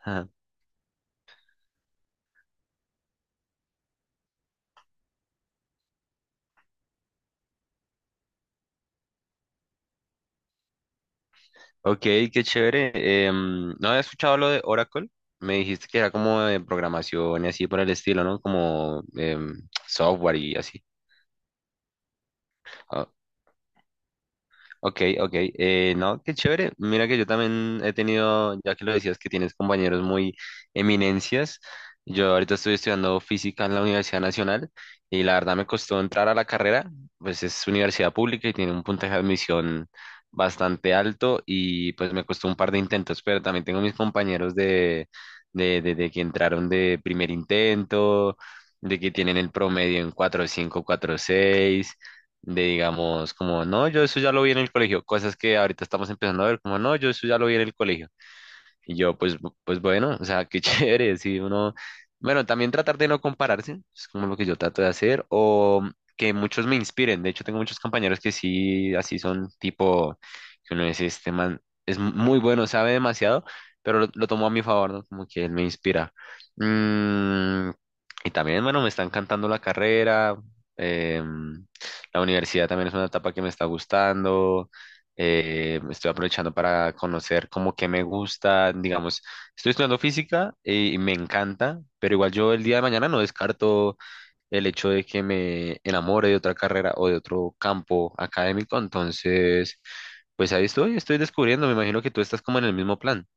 Ajá. Ok, qué chévere. No había escuchado lo de Oracle. Me dijiste que era como de programación y así por el estilo, ¿no? Como software y así. Ok, ok. No, qué chévere. Mira que yo también he tenido, ya que lo decías, que tienes compañeros muy eminencias. Yo ahorita estoy estudiando física en la Universidad Nacional y la verdad me costó entrar a la carrera, pues es universidad pública y tiene un puntaje de admisión bastante alto y pues me costó un par de intentos, pero también tengo mis compañeros de que entraron de primer intento, de que tienen el promedio en 4.5, seis de digamos, como, no, yo eso ya lo vi en el colegio, cosas que ahorita estamos empezando a ver, como, no, yo eso ya lo vi en el colegio. Y yo, pues, pues bueno, o sea, qué chévere, si uno, bueno, también tratar de no compararse, es como lo que yo trato de hacer, o que muchos me inspiren. De hecho, tengo muchos compañeros que sí, así son, tipo, que uno dice, este man es muy bueno, sabe demasiado, pero lo tomo a mi favor, ¿no? Como que él me inspira. Mm, y también, bueno, me está encantando la carrera, em, la universidad también es una etapa que me está gustando. Estoy aprovechando para conocer como que me gusta, digamos, estoy estudiando física y me encanta, pero igual yo el día de mañana no descarto el hecho de que me enamore de otra carrera o de otro campo académico, entonces, pues ahí estoy, estoy descubriendo, me imagino que tú estás como en el mismo plan.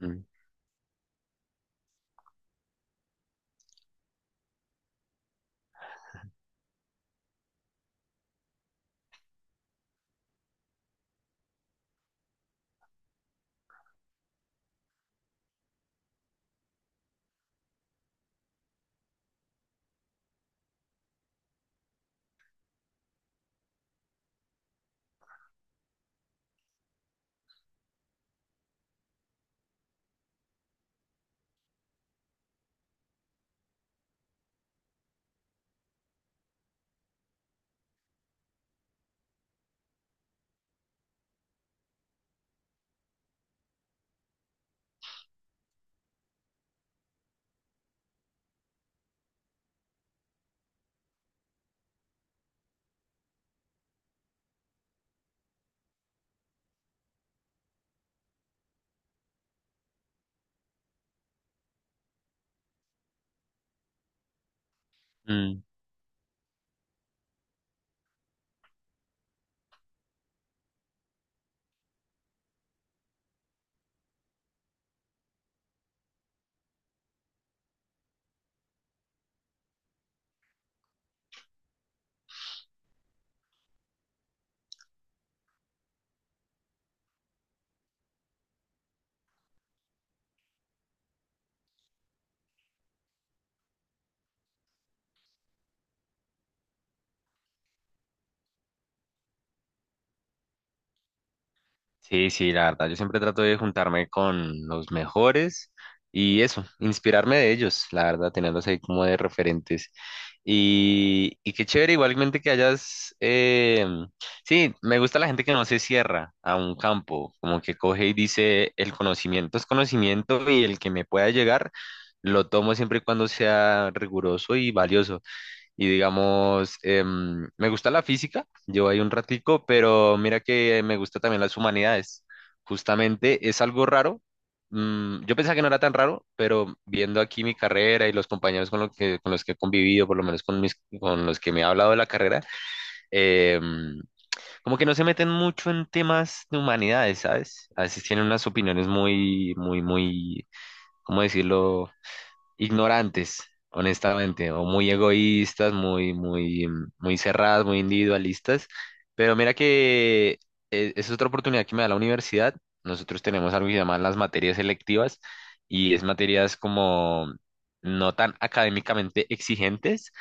Mm. Mm. Sí, sí, la verdad, yo siempre trato de juntarme con los mejores y eso, inspirarme de ellos, la verdad, tenerlos ahí como de referentes. Y qué chévere igualmente que hayas, sí, me gusta la gente que no se cierra a un campo, como que coge y dice, el conocimiento es conocimiento y el que me pueda llegar, lo tomo siempre y cuando sea riguroso y valioso. Y digamos, me gusta la física, llevo ahí un ratico, pero mira que me gusta también las humanidades. Justamente es algo raro. Mm, yo pensaba que no era tan raro, pero viendo aquí mi carrera y los compañeros con, lo que, con los que he convivido, por lo menos con, mis, con los que me ha hablado de la carrera, em, como que no se meten mucho en temas de humanidades, ¿sabes? A veces tienen unas opiniones muy, muy, muy, ¿cómo decirlo? Ignorantes, honestamente, o muy egoístas, muy, muy, muy cerradas, muy individualistas. Pero mira que es otra oportunidad que me da la universidad. Nosotros tenemos algo que se llaman las materias selectivas y es materias como no tan académicamente exigentes,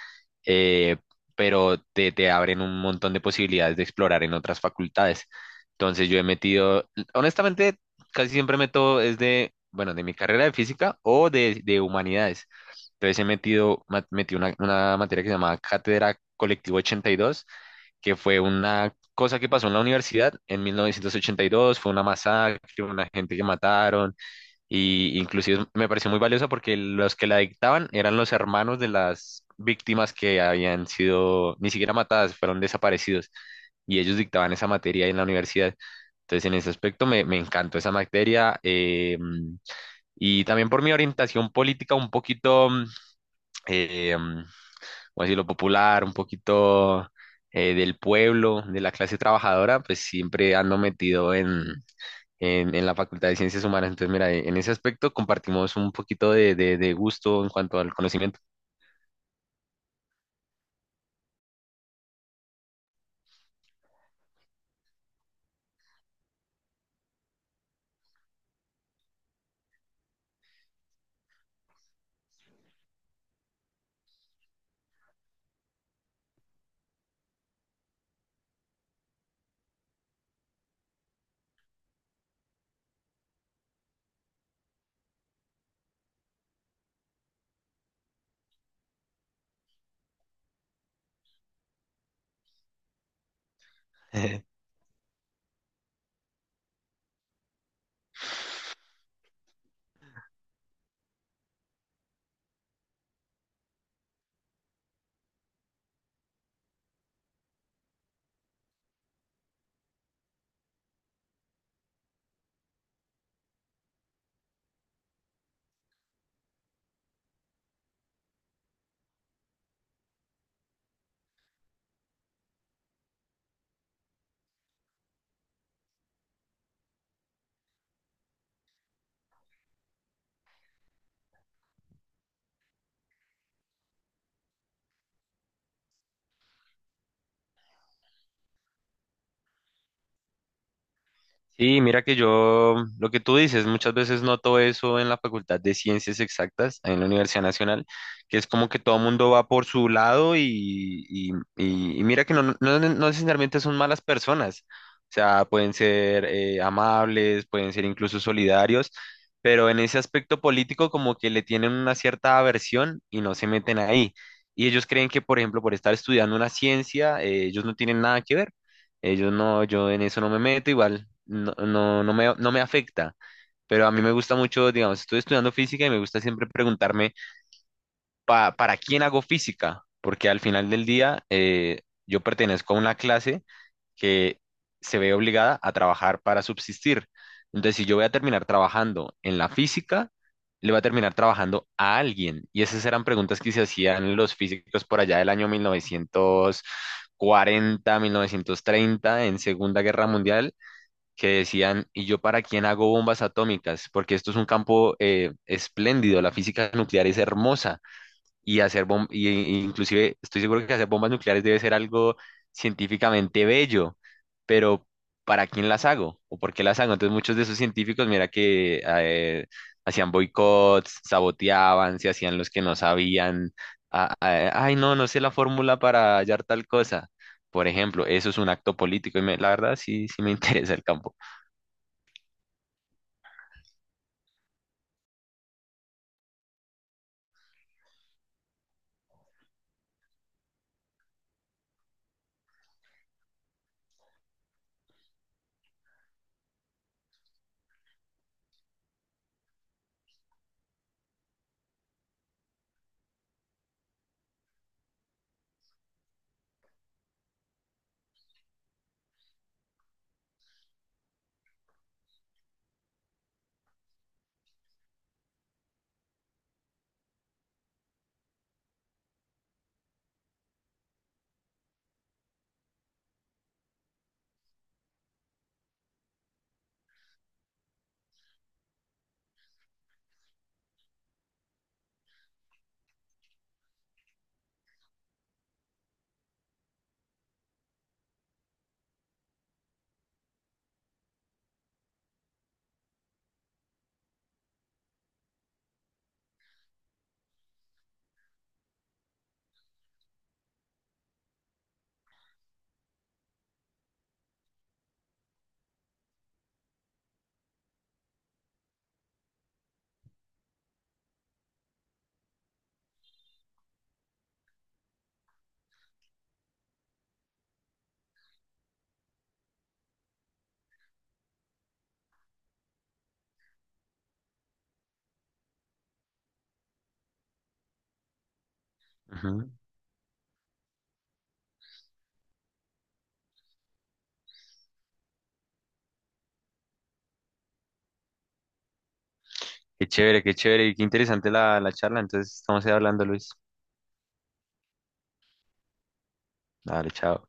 eh, pero te abren un montón de posibilidades de explorar en otras facultades. Entonces yo he metido, honestamente, casi siempre meto es de, bueno, de mi carrera de física o de humanidades. Entonces he metido, metí una materia que se llama Cátedra Colectivo 82, que fue una cosa que pasó en la universidad en 1982, fue una masacre, una gente que mataron, y inclusive me pareció muy valiosa porque los que la dictaban eran los hermanos de las víctimas que habían sido ni siquiera matadas, fueron desaparecidos. Y ellos dictaban esa materia en la universidad. Entonces, en ese aspecto me encantó esa materia. Y también por mi orientación política un poquito, eh, mm, ¿cómo decirlo? Popular, un poquito del pueblo, de la clase trabajadora, pues siempre ando metido en la Facultad de Ciencias Humanas. Entonces, mira, en ese aspecto compartimos un poquito de gusto en cuanto al conocimiento. Sí, mira que yo, lo que tú dices, muchas veces noto eso en la Facultad de Ciencias Exactas, ahí en la Universidad Nacional, que es como que todo el mundo va por su lado y- y mira que no, no, no necesariamente son malas personas, o sea, pueden ser amables, pueden ser incluso solidarios, pero en ese aspecto político como que le tienen una cierta aversión y no se meten ahí. Y ellos creen que, por ejemplo, por estar estudiando una ciencia, ellos no tienen nada que ver. Ellos no, yo en eso no me meto, igual no, no, no me, no me afecta. Pero a mí me gusta mucho, digamos, estoy estudiando física y me gusta siempre preguntarme para quién hago física, porque al final del día yo pertenezco a una clase que se ve obligada a trabajar para subsistir. Entonces, si yo voy a terminar trabajando en la física, le voy a terminar trabajando a alguien. Y esas eran preguntas que se hacían los físicos por allá del año 1940, 1930, en Segunda Guerra Mundial, que decían, ¿y yo para quién hago bombas atómicas? Porque esto es un campo espléndido, la física nuclear es hermosa y hacer inclusive estoy seguro que hacer bombas nucleares debe ser algo científicamente bello, pero ¿para quién las hago? ¿O por qué las hago? Entonces muchos de esos científicos, mira que hacían boicots, saboteaban, se hacían los que no sabían, ay no, no sé la fórmula para hallar tal cosa. Por ejemplo, eso es un acto político y la verdad sí, sí me interesa el campo. Ujú. Qué chévere y qué interesante la, la charla. Entonces estamos ahí hablando, Luis. Dale, chao.